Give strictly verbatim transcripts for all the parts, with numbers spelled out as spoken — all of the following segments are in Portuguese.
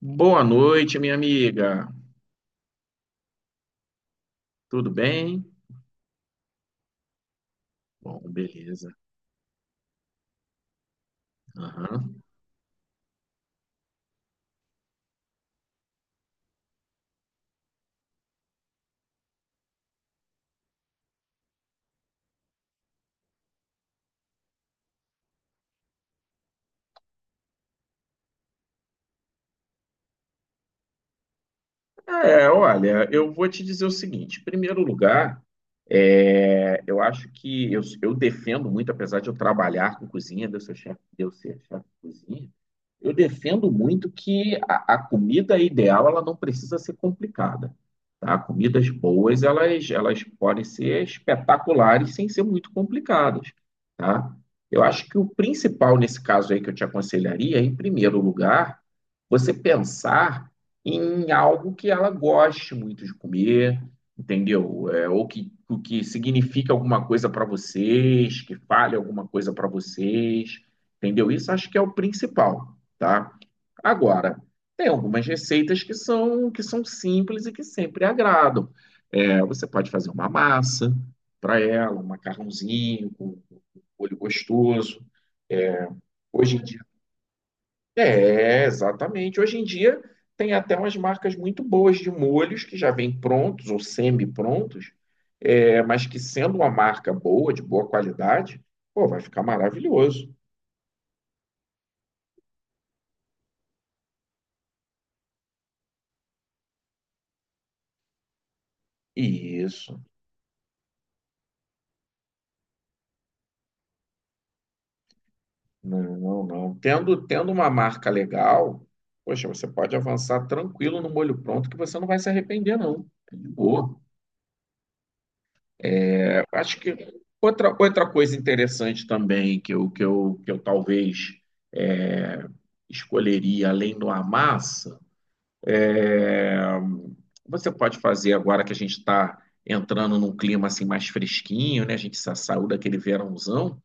Boa noite, minha amiga. Tudo bem? Bom, beleza. Aham. É, olha, eu vou te dizer o seguinte: em primeiro lugar, é, eu acho que eu, eu defendo muito, apesar de eu trabalhar com cozinha, de eu ser chefe, de eu ser chefe de cozinha, eu defendo muito que a, a comida ideal ela não precisa ser complicada, tá? Comidas boas elas, elas podem ser espetaculares sem ser muito complicadas, tá? Eu acho que o principal nesse caso aí que eu te aconselharia, em primeiro lugar, você pensar em algo que ela goste muito de comer, entendeu? É, ou que, o que significa alguma coisa para vocês, que fale alguma coisa para vocês, entendeu? Isso acho que é o principal, tá? Agora, tem algumas receitas que são que são simples e que sempre agradam. É, você pode fazer uma massa para ela, um macarrãozinho com, com molho gostoso. É, Hoje em dia é, exatamente. Hoje em dia tem até umas marcas muito boas de molhos que já vêm prontos ou semi-prontos, é, mas que sendo uma marca boa, de boa qualidade, pô, vai ficar maravilhoso. Isso. Não, não, não. Tendo, tendo uma marca legal, poxa, você pode avançar tranquilo no molho pronto que você não vai se arrepender, não. É de boa. Acho que outra, outra coisa interessante também que eu, que eu, que eu talvez é, escolheria além do Amassa, é, você pode fazer agora que a gente está entrando num clima assim mais fresquinho, né? A gente sa- saiu daquele verãozão.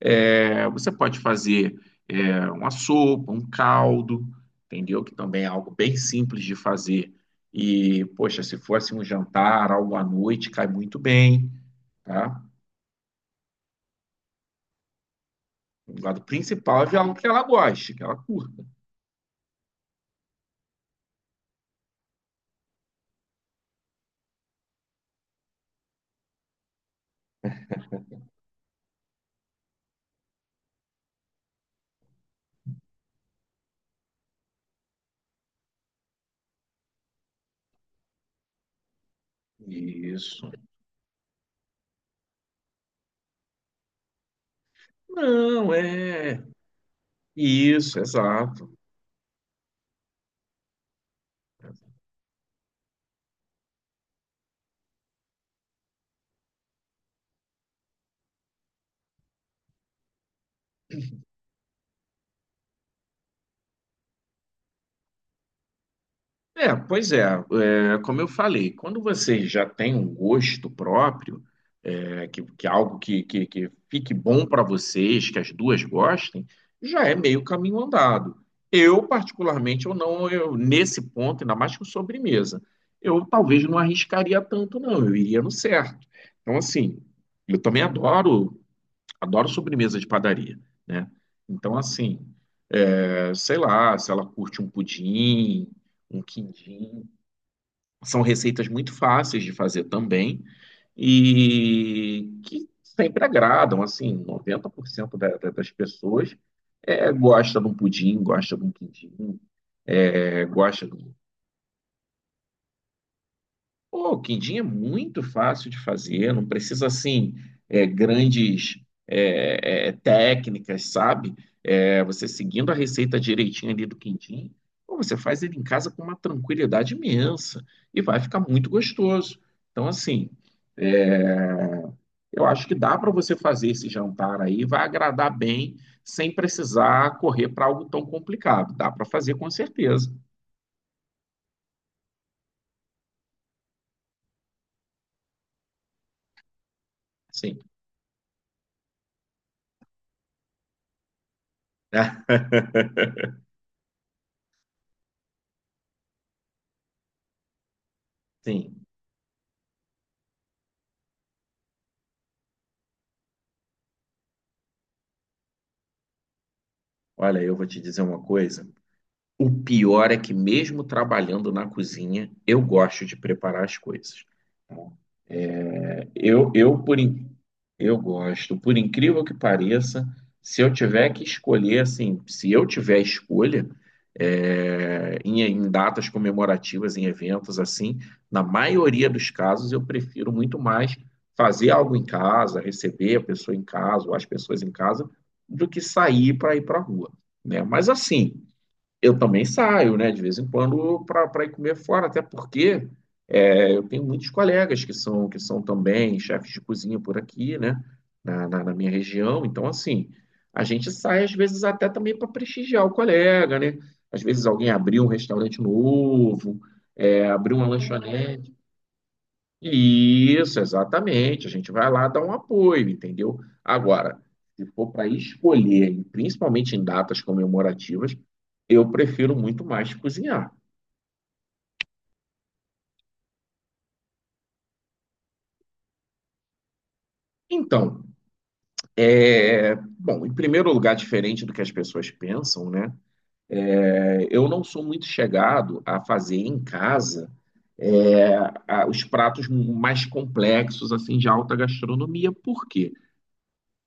É, você pode fazer é, uma sopa, um caldo, entendeu? Que também é algo bem simples de fazer. E, poxa, se fosse um jantar, algo à noite, cai muito bem, tá? O lado principal é ver algo que ela goste, que ela curta. Isso. Não, é. Isso, exato. É, pois é, é, como eu falei, quando você já tem um gosto próprio, é, que, que é algo que, que, que fique bom para vocês, que as duas gostem, já é meio caminho andado. Eu, particularmente, eu não, eu, nesse ponto, ainda mais com sobremesa, eu talvez não arriscaria tanto, não, eu iria no certo. Então, assim, eu também adoro Adoro sobremesa de padaria, né? Então, assim, é, sei lá, se ela curte um pudim, um quindim, são receitas muito fáceis de fazer também e que sempre agradam, assim, noventa por cento da, da, das pessoas é, gosta de um pudim, gosta de um quindim, é, gosta Pô, o quindim é muito fácil de fazer, não precisa assim é, grandes é, é, técnicas, sabe? É, você seguindo a receita direitinho ali do quindim, pô, você faz ele em casa com uma tranquilidade imensa e vai ficar muito gostoso. Então, assim, eu acho que dá para você fazer esse jantar aí, vai agradar bem, sem precisar correr para algo tão complicado. Dá para fazer com certeza. Sim. Sim. Olha, eu vou te dizer uma coisa. O pior é que, mesmo trabalhando na cozinha, eu gosto de preparar as coisas. É, Eu, eu, por, in- eu gosto, por incrível que pareça, se eu tiver que escolher, assim, se eu tiver escolha, é, em, em datas comemorativas, em eventos assim, na maioria dos casos eu prefiro muito mais fazer algo em casa, receber a pessoa em casa ou as pessoas em casa, do que sair para ir para a rua, né? Mas assim, eu também saio, né, de vez em quando para ir comer fora, até porque é, eu tenho muitos colegas que são que são também chefes de cozinha por aqui, né, na, na, na minha região. Então, assim, a gente sai às vezes até também para prestigiar o colega, né? Às vezes alguém abriu um restaurante novo, é, abriu uma lanchonete. Isso, exatamente. A gente vai lá dar um apoio, entendeu? Agora, se for para escolher, e principalmente em datas comemorativas, eu prefiro muito mais cozinhar. Então, é... bom, em primeiro lugar, diferente do que as pessoas pensam, né? É, Eu não sou muito chegado a fazer em casa é, a- os pratos mais complexos, assim, de alta gastronomia. Por quê?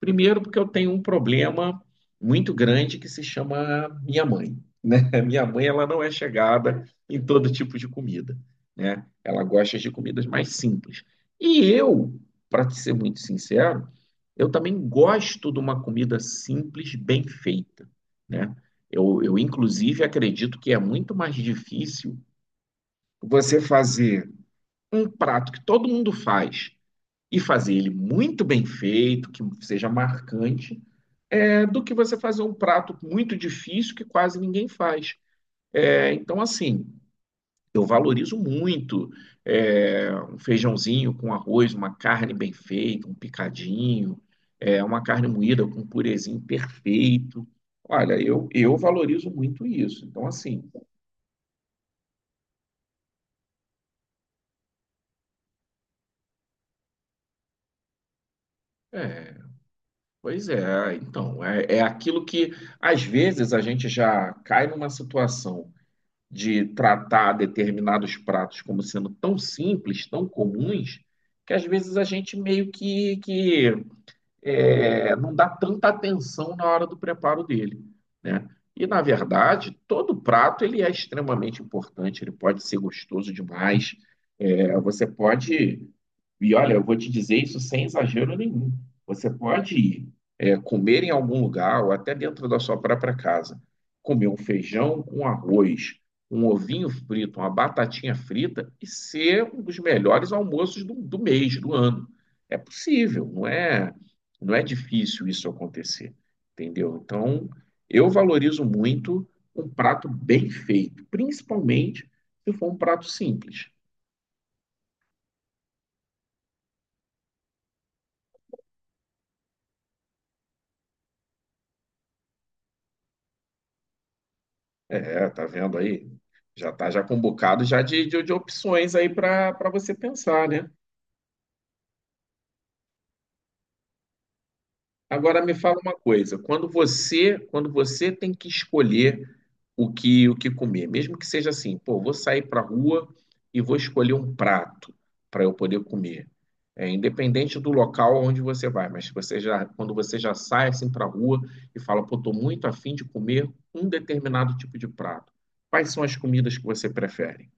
Primeiro, porque eu tenho um problema muito grande que se chama minha mãe, né? Minha mãe, ela não é chegada em todo tipo de comida, né? Ela gosta de comidas mais simples. E eu, para ser muito sincero, eu também gosto de uma comida simples, bem feita, né? Eu, eu, inclusive, acredito que é muito mais difícil você fazer um prato que todo mundo faz e fazer ele muito bem feito, que seja marcante, é, do que você fazer um prato muito difícil que quase ninguém faz. É, então, assim, eu valorizo muito é, um feijãozinho com arroz, uma carne bem feita, um picadinho, é, uma carne moída com um purezinho perfeito. Olha, eu, eu valorizo muito isso. Então, assim, é, pois é. Então, é, é aquilo que às vezes a gente já cai numa situação de tratar determinados pratos como sendo tão simples, tão comuns, que às vezes a gente meio que, que é, não dá tanta atenção na hora do preparo dele, né? E na verdade, todo prato ele é extremamente importante, ele pode ser gostoso demais. É, você pode, e olha, eu vou te dizer isso sem exagero nenhum. Você pode ir é, comer em algum lugar ou até dentro da sua própria casa, comer um feijão com arroz, um ovinho frito, uma batatinha frita e ser um dos melhores almoços do, do mês, do ano. É possível, não é? Não é difícil isso acontecer, entendeu? Então, eu valorizo muito um prato bem feito, principalmente se for um prato simples. É, tá vendo aí? Já tá já com um bocado já de, de, de opções aí para para você pensar, né? Agora me fala uma coisa, quando você, quando você tem que escolher o que o que comer, mesmo que seja assim, pô, vou sair para a rua e vou escolher um prato para eu poder comer. É, independente do local onde você vai, mas você já, quando você já sai assim para a rua e fala, pô, tô muito afim de comer um determinado tipo de prato. Quais são as comidas que você prefere?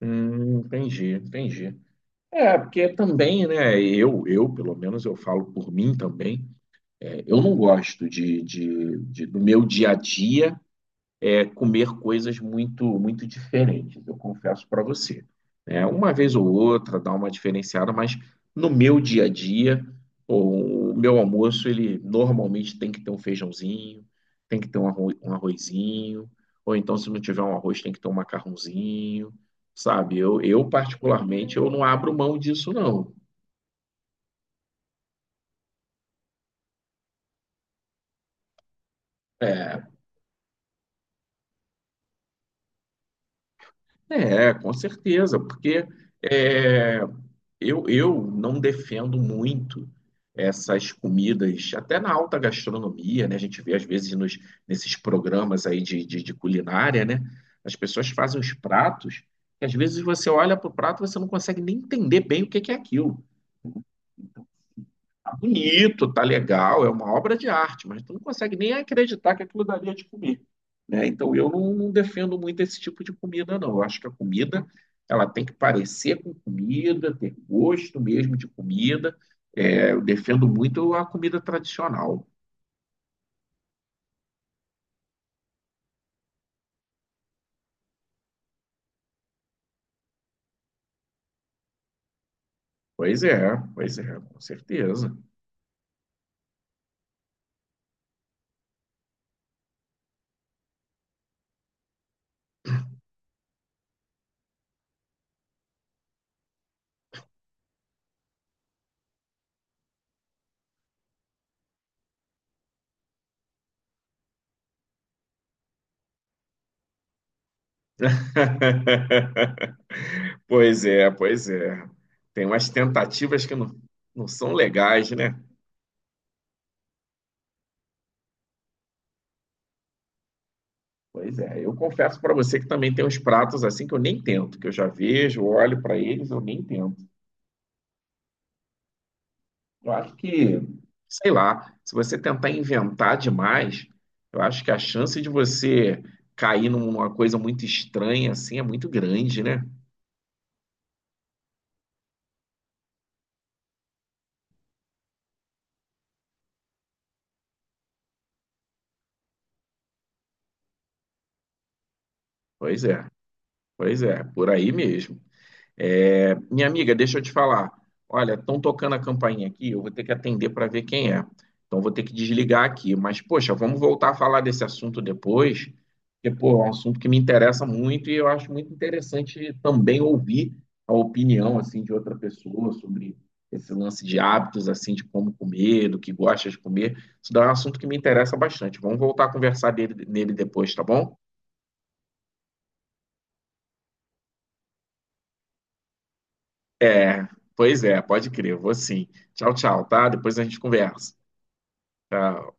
Hum, entendi, entendi. É, porque também, né, eu, eu, pelo menos eu falo por mim também, eu não gosto de, de, de- do meu dia a dia é, comer coisas muito muito diferentes, eu confesso para você. Né? Uma vez ou outra dá uma diferenciada, mas no meu dia a dia, o, o meu almoço, ele normalmente tem que ter um feijãozinho, tem que ter um, arro- um arrozinho, ou então se não tiver um arroz, tem que ter um macarrãozinho, sabe? Eu, eu particularmente, eu não abro mão disso, não. É, é, com certeza, porque... É, Eu, eu não defendo muito essas comidas, até na alta gastronomia, né? A gente vê às vezes nos, nesses programas aí de, de, de culinária, né? As pessoas fazem os pratos que às vezes você olha para o prato e você não consegue nem entender bem o que que é aquilo bonito, tá legal, é uma obra de arte, mas tu não consegue nem acreditar que aquilo dali é de comer, né? Então eu não, não defendo muito esse tipo de comida, não. Eu acho que a comida ela tem que parecer com comida, ter gosto mesmo de comida. É, eu defendo muito a comida tradicional. Pois é, pois é, com certeza. Pois é, pois é. Tem umas tentativas que não, não são legais, né? Pois é, eu confesso para você que também tem uns pratos assim que eu nem tento, que eu já vejo, olho para eles, eu nem tento. Eu acho que, sei lá, se você tentar inventar demais, eu acho que a chance de você cair numa coisa muito estranha assim é muito grande, né? Pois é, pois é, por aí mesmo. É, minha amiga, deixa eu te falar. Olha, estão tocando a campainha aqui, eu vou ter que atender para ver quem é. Então vou ter que desligar aqui. Mas, poxa, vamos voltar a falar desse assunto depois, porque, pô, é um assunto que me interessa muito e eu acho muito interessante também ouvir a opinião, assim, de outra pessoa sobre esse lance de hábitos, assim, de como comer, do que gosta de comer. Isso daí é um assunto que me interessa bastante. Vamos voltar a conversar dele- nele depois, tá bom? É, pois é, pode crer, vou sim. Tchau, tchau, tá? Depois a gente conversa. Tchau.